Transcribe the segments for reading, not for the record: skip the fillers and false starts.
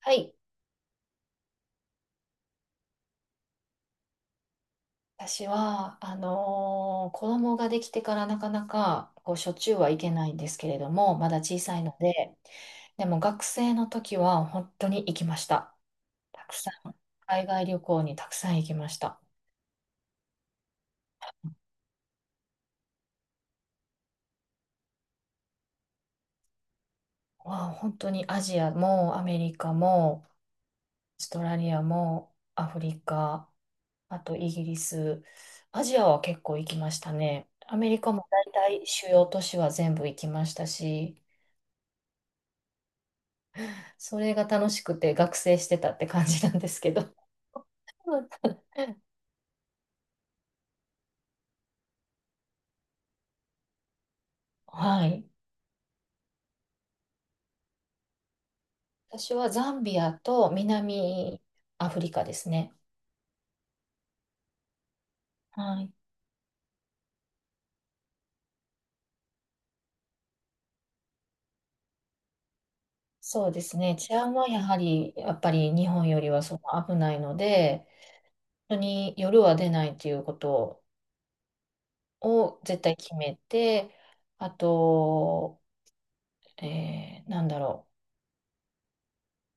はい。私は、子供ができてからなかなか、こう、しょっちゅうはいけないんですけれども、まだ小さいので、でも学生の時は本当に行きました。たくさん、海外旅行にたくさん行きました。わあ、本当にアジアもアメリカも、オーストラリアもアフリカ、あとイギリス、アジアは結構行きましたね。アメリカも大体主要都市は全部行きましたし、それが楽しくて学生してたって感じなんですけど。はい。私はザンビアと南アフリカですね。はい。そうですね。治安はやはり、やっぱり日本よりはその危ないので、本当に夜は出ないということを絶対決めて、あと、えーなんだろう。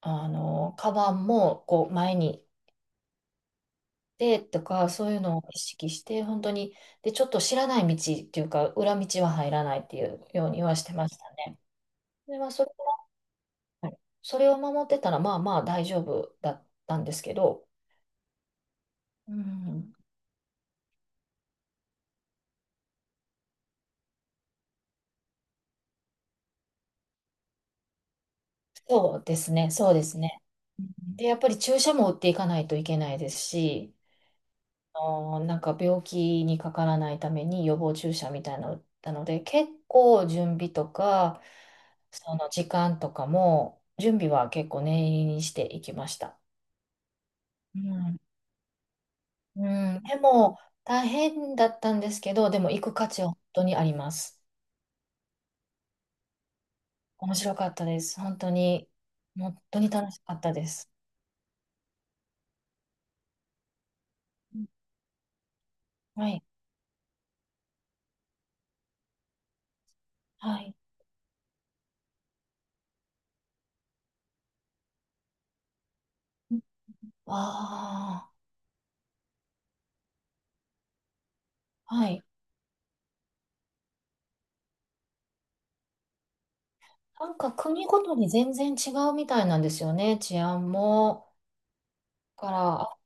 あの、カバンもこう前にで、とか、そういうのを意識して、本当に、で、ちょっと知らない道っていうか、裏道は入らないっていうようにはしてましたね。で、まあ、それは、はいそれを守ってたら、まあまあ大丈夫だったんですけど、うん、そうですね。で、やっぱり注射も打っていかないといけないですし、なんか病気にかからないために予防注射みたいなの打ったので、結構準備とか、その時間とかも、準備は結構念入りにしていきました。うん、うんでも大変だったんですけど、でも行く価値は本当にあります。面白かったです。本当に、本当に楽しかったです。うんはい、はい。ああ、はい。なんか国ごとに全然違うみたいなんですよね、治安も。から、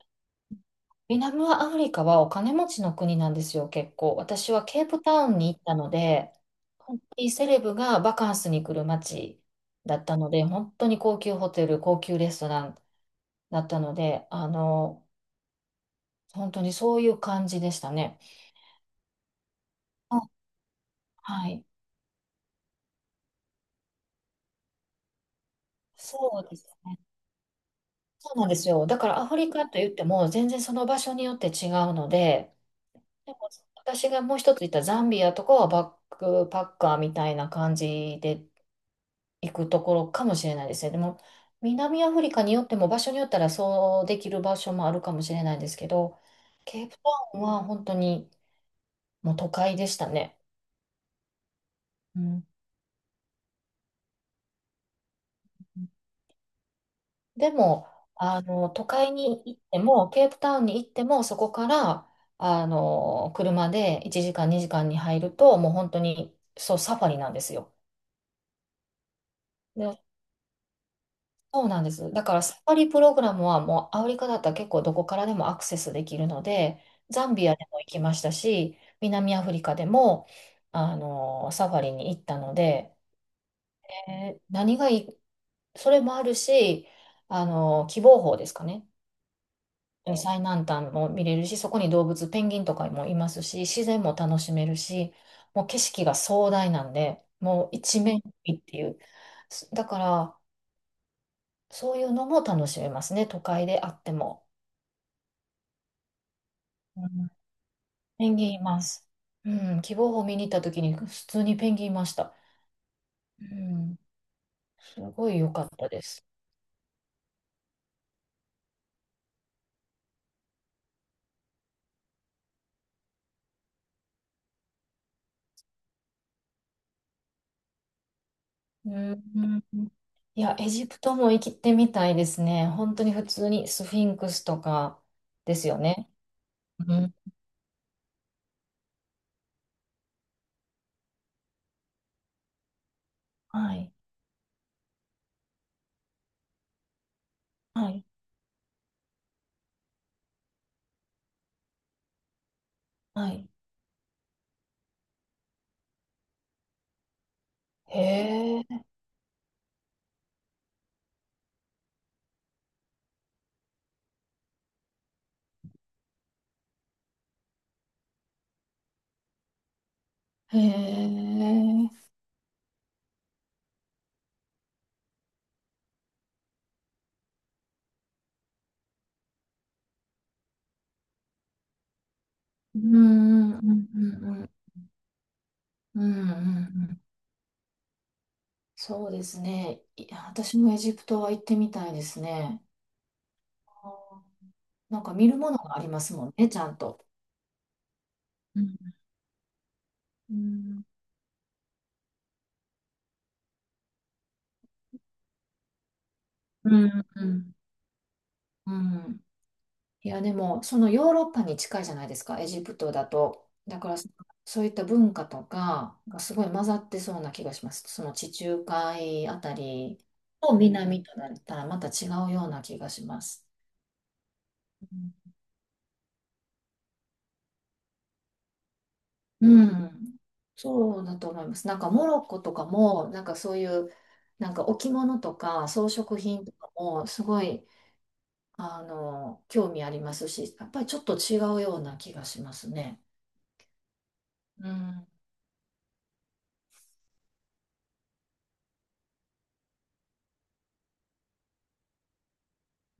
南アフリカはお金持ちの国なんですよ、結構。私はケープタウンに行ったので、本当にセレブがバカンスに来る街だったので、本当に高級ホテル、高級レストランだったので、あの、本当にそういう感じでしたね。あはい。そうですね。そうなんですよ。だからアフリカと言っても、全然その場所によって違うので、でも私がもう一つ言ったザンビアとかはバックパッカーみたいな感じで行くところかもしれないですね。でも、南アフリカによっても場所によったらそうできる場所もあるかもしれないんですけど、ケープタウンは本当にもう都会でしたね。うん、でも、あの、都会に行っても、ケープタウンに行っても、そこから、あの、車で1時間、2時間に入ると、もう本当に、そう、サファリなんですよ。でそうなんです。だからサファリプログラムはもうアフリカだったら結構どこからでもアクセスできるので、ザンビアでも行きましたし、南アフリカでも、あの、サファリに行ったので、えー何がいい、それもあるし、あの、希望峰ですかね。最南端も見れるし、そこに動物、ペンギンとかもいますし、自然も楽しめるし、もう景色が壮大なんで、もう一面にっていう。だから、そういうのも楽しめますね、都会であっても。うんペンギンいます。うん、希望を見に行った時に普通にペンギンいました。うん、すごい良かったです。うん、うんいや、エジプトも行きてみたいですね。本当に普通にスフィンクスとかですよね。うん、はい、はい、はい。へえ、へえ、うん、うん、うん、うん、うん、うん。うんそうですね。いや、私もエジプトは行ってみたいですね。なんか見るものがありますもんね、ちゃんと。うん、うんうんうんうんいやでもそのヨーロッパに近いじゃないですかエジプトだとだからそそういった文化とかがすごい混ざってそうな気がしますその地中海あたりと南となったらまた違うような気がしますうんうんそうだと思いますなんかモロッコとかもなんかそういうなんか置物とか装飾品とかもすごいあの、興味ありますし、やっぱりちょっと違うような気がしますね。うん。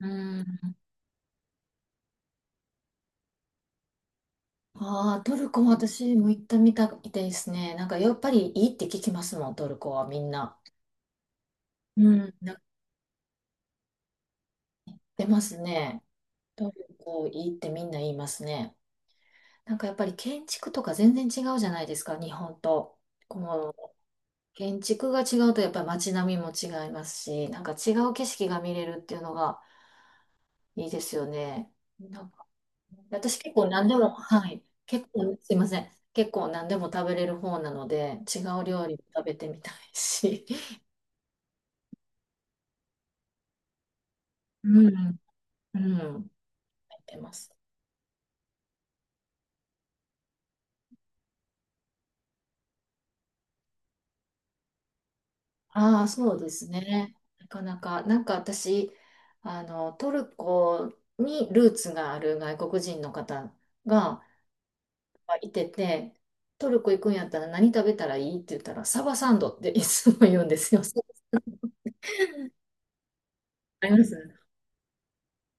うん。ああ、トルコも私も行ったみたいですね。なんかやっぱりいいって聞きますもん、トルコはみんな。うん。なってますね。トルコいいってみんな言いますね。なんかやっぱり建築とか全然違うじゃないですか、日本と。この建築が違うとやっぱり街並みも違いますし、なんか違う景色が見れるっていうのがいいですよね。なんか私結構何でも、はい。結構、すいません。結構何でも食べれる方なので、違う料理も食べてみたいし。うん。うん。やってます。ああ、そうですね。なかなか、なんか私、あの、トルコにルーツがある外国人の方がいてて、トルコ行くんやったら何食べたらいいって言ったら、サバサンドっていつも言うんですよ。あります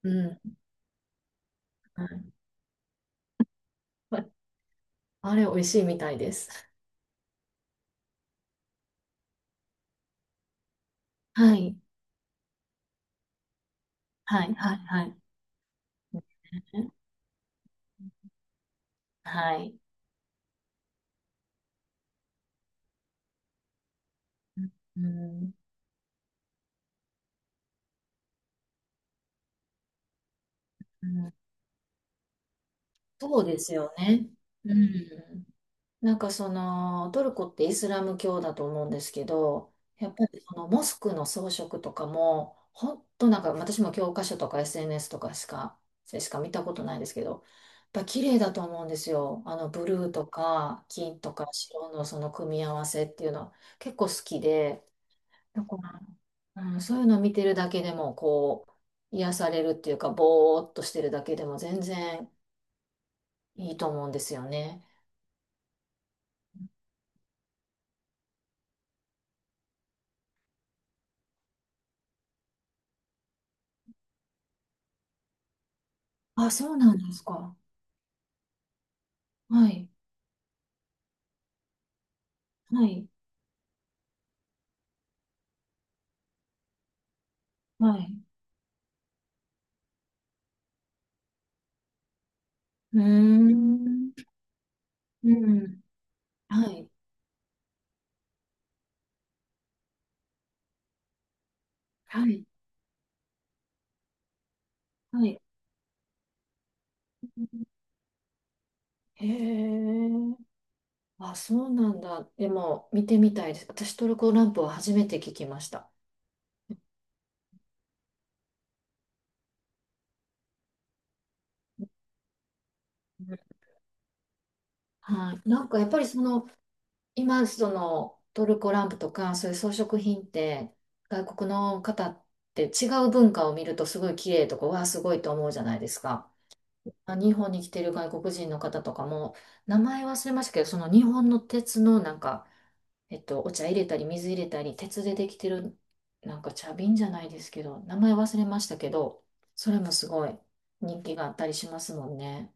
うん。はいあれ、美味しいみたいです。はい。はい、はい、はい。ねはい。うん、うんそうですよね。うん。なんかそのトルコってイスラム教だと思うんですけど、やっぱりそのモスクの装飾とかも、ほんとなんか私も教科書とか SNS とかしか、しか見たことないですけど、やっぱ綺麗だと思うんですよ。あのブルーとか金とか白のその組み合わせっていうのは結構好きで、うん、そういうのを見てるだけでも、こう、癒されるっていうか、ぼーっとしてるだけでも全然いいと思うんですよね。あ、そうなんですか。はい、はい、はい。うーん、うん、はい、はい、はい。へえ、あ、そうなんだ。でも、見てみたいです。私、トルコランプは初めて聞きました。うんはい。なんか、やっぱりその、今、そのトルコランプとか、そういう装飾品って、外国の方って違う文化を見るとすごい綺麗とか、わあ、すごいと思うじゃないですか。あ日本に来てる外国人の方とかも、名前忘れましたけど、その日本の鉄のなんか、えっと、お茶入れたり、水入れたり、鉄でできてる、なんか茶瓶じゃないですけど、名前忘れましたけど、それもすごい人気があったりしますもんね。